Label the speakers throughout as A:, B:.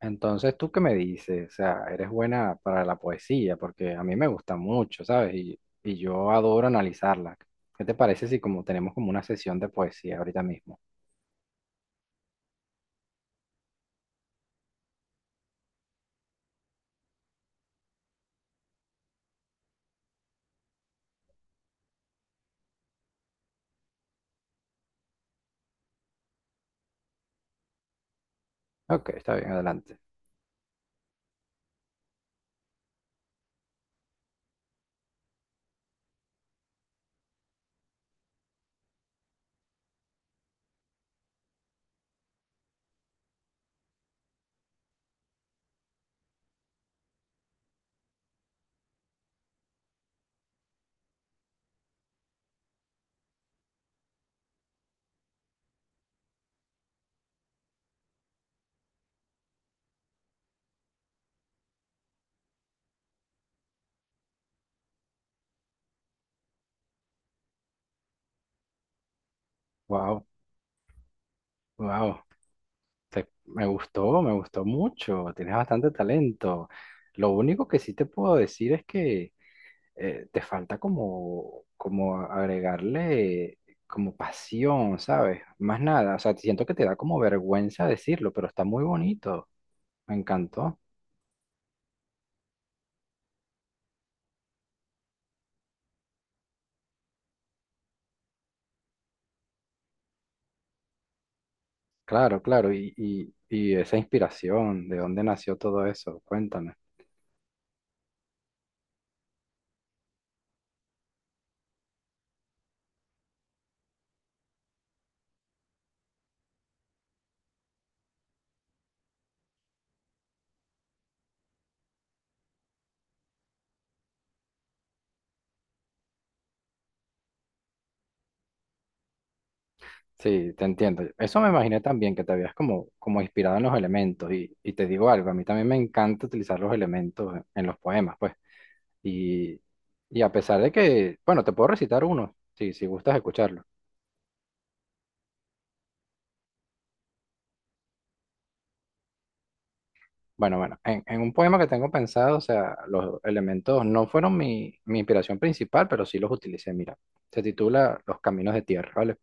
A: Entonces, ¿tú qué me dices? O sea, eres buena para la poesía, porque a mí me gusta mucho, ¿sabes? Y yo adoro analizarla. ¿Qué te parece si como tenemos como una sesión de poesía ahorita mismo? Ok, está bien, adelante. Wow, wow, me gustó mucho. Tienes bastante talento. Lo único que sí te puedo decir es que te falta como, como agregarle como pasión, ¿sabes? Más nada. O sea, siento que te da como vergüenza decirlo, pero está muy bonito. Me encantó. Claro, claro. Y esa inspiración, ¿de dónde nació todo eso? Cuéntame. Sí, te entiendo. Eso me imaginé también, que te habías como, como inspirado en los elementos. Y te digo algo, a mí también me encanta utilizar los elementos en los poemas, pues. Y, y a pesar de que, bueno, te puedo recitar uno, si gustas escucharlo. Bueno, bueno, en un poema que tengo pensado, o sea, los elementos no fueron mi inspiración principal, pero sí los utilicé. Mira, se titula Los Caminos de Tierra, ¿vale?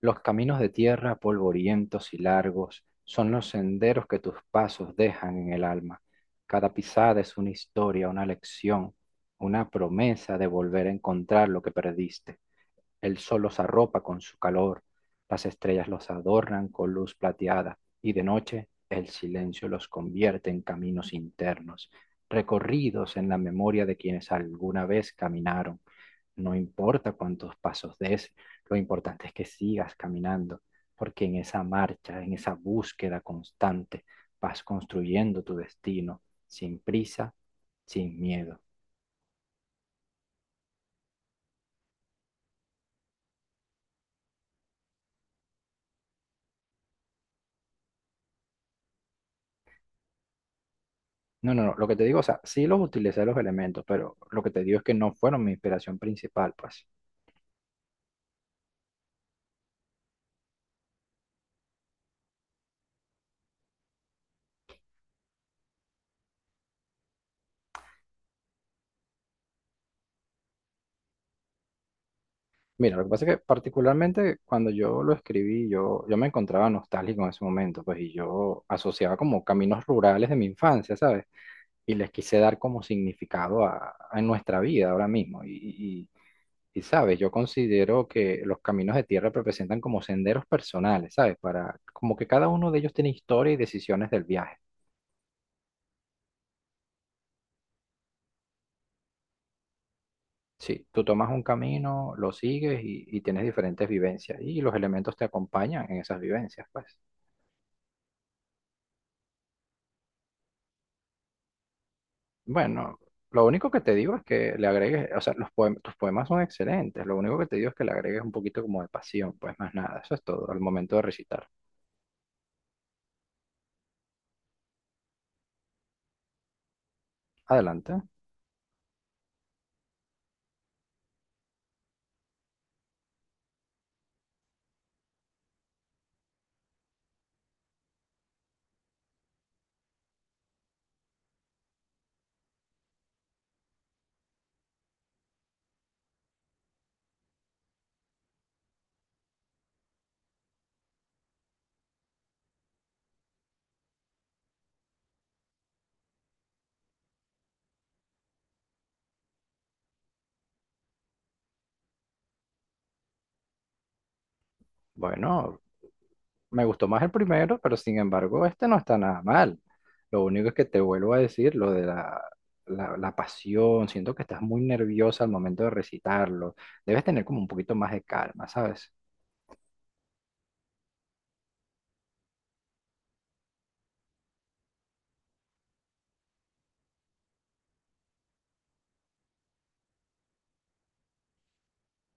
A: Los caminos de tierra polvorientos y largos son los senderos que tus pasos dejan en el alma. Cada pisada es una historia, una lección, una promesa de volver a encontrar lo que perdiste. El sol los arropa con su calor, las estrellas los adornan con luz plateada y de noche el silencio los convierte en caminos internos, recorridos en la memoria de quienes alguna vez caminaron. No importa cuántos pasos des, lo importante es que sigas caminando, porque en esa marcha, en esa búsqueda constante, vas construyendo tu destino sin prisa, sin miedo. No, no, no, lo que te digo, o sea, sí los utilicé los elementos, pero lo que te digo es que no fueron mi inspiración principal, pues. Mira, lo que pasa es que particularmente cuando yo lo escribí, yo me encontraba nostálgico en ese momento, pues, y yo asociaba como caminos rurales de mi infancia, ¿sabes? Y les quise dar como significado a nuestra vida ahora mismo. Y sabes, yo considero que los caminos de tierra representan como senderos personales, ¿sabes? Para, como que cada uno de ellos tiene historia y decisiones del viaje. Sí, tú tomas un camino, lo sigues y tienes diferentes vivencias y los elementos te acompañan en esas vivencias, pues. Bueno, lo único que te digo es que le agregues, o sea, los tus poemas son excelentes, lo único que te digo es que le agregues un poquito como de pasión, pues más nada, eso es todo al momento de recitar. Adelante. Bueno, me gustó más el primero, pero sin embargo, este no está nada mal. Lo único es que te vuelvo a decir lo de la pasión. Siento que estás muy nerviosa al momento de recitarlo. Debes tener como un poquito más de calma, ¿sabes?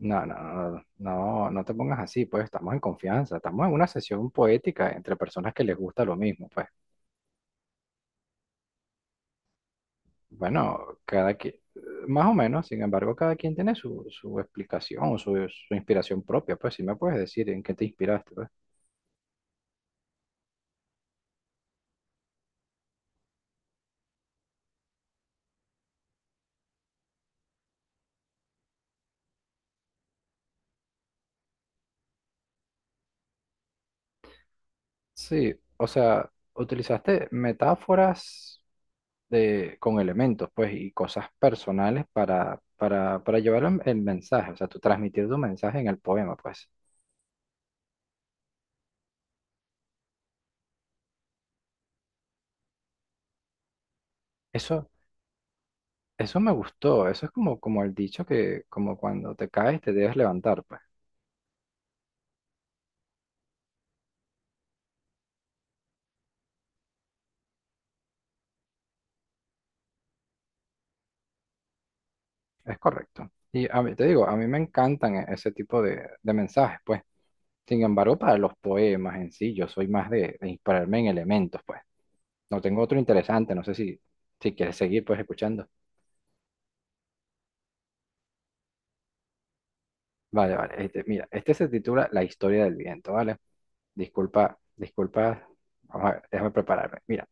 A: No, no, no, no, no te pongas así, pues estamos en confianza. Estamos en una sesión poética entre personas que les gusta lo mismo, pues. Bueno, cada quien, más o menos, sin embargo, cada quien tiene su explicación, su inspiración propia, pues si me puedes decir en qué te inspiraste, pues. Sí, o sea, utilizaste metáforas de, con elementos, pues, y cosas personales para llevar el mensaje, o sea, tú transmitir tu mensaje en el poema, pues. Eso, eso me gustó, eso es como, como el dicho que, como cuando te caes te debes levantar, pues, es correcto. Y a mí, te digo, a mí me encantan ese tipo de mensajes, pues. Sin embargo, para los poemas en sí, yo soy más de inspirarme en elementos, pues. No tengo otro interesante, no sé si, si quieres seguir, pues, escuchando. Vale, vale. Este, mira, este se titula La historia del viento, ¿vale? Disculpa, disculpa. Vamos a ver, déjame prepararme. Mira,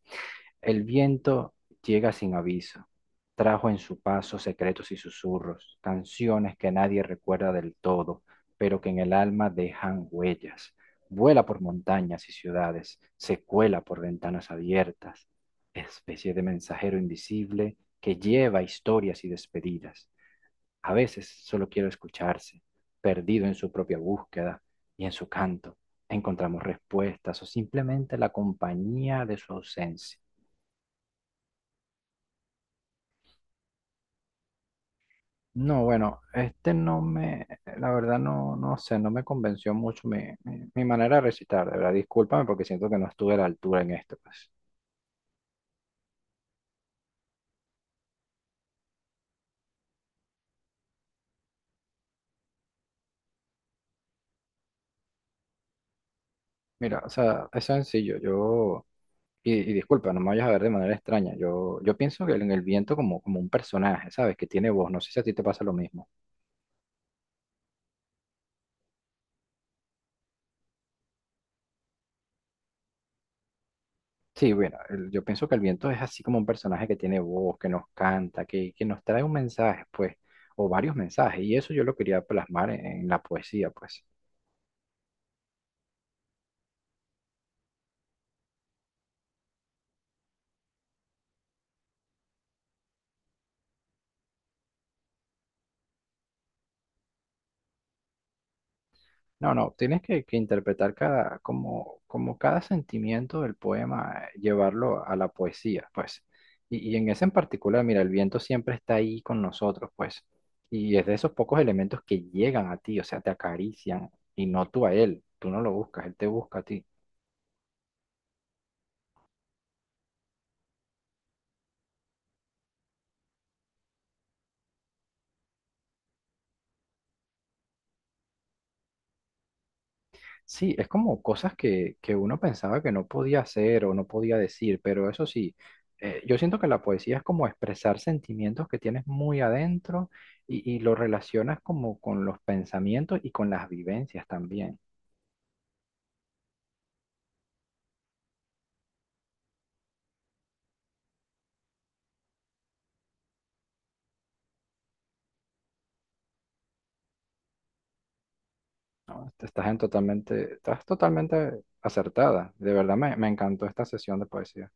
A: el viento llega sin aviso. Trajo en su paso secretos y susurros, canciones que nadie recuerda del todo, pero que en el alma dejan huellas. Vuela por montañas y ciudades, se cuela por ventanas abiertas, especie de mensajero invisible que lleva historias y despedidas. A veces solo quiero escucharse, perdido en su propia búsqueda y en su canto. Encontramos respuestas o simplemente la compañía de su ausencia. No, bueno, este no me, la verdad no, no sé, no me convenció mucho mi, mi manera de recitar, de verdad, discúlpame porque siento que no estuve a la altura en esto, pues. Mira, o sea, es sencillo, y disculpa, no me vayas a ver de manera extraña, yo pienso que en el viento como, como un personaje, ¿sabes? Que tiene voz, no sé si a ti te pasa lo mismo. Sí, bueno, yo pienso que el viento es así como un personaje que tiene voz, que nos canta, que nos trae un mensaje, pues, o varios mensajes, y eso yo lo quería plasmar en la poesía, pues. No, no, tienes que interpretar cada, como, como cada sentimiento del poema, llevarlo a la poesía, pues. Y en ese en particular, mira, el viento siempre está ahí con nosotros, pues. Y es de esos pocos elementos que llegan a ti, o sea, te acarician, y no tú a él, tú no lo buscas, él te busca a ti. Sí, es como cosas que uno pensaba que no podía hacer o no podía decir, pero eso sí, yo siento que la poesía es como expresar sentimientos que tienes muy adentro y lo relacionas como con los pensamientos y con las vivencias también, ¿no? Estás en totalmente, estás totalmente acertada. De verdad me, me encantó esta sesión de poesía.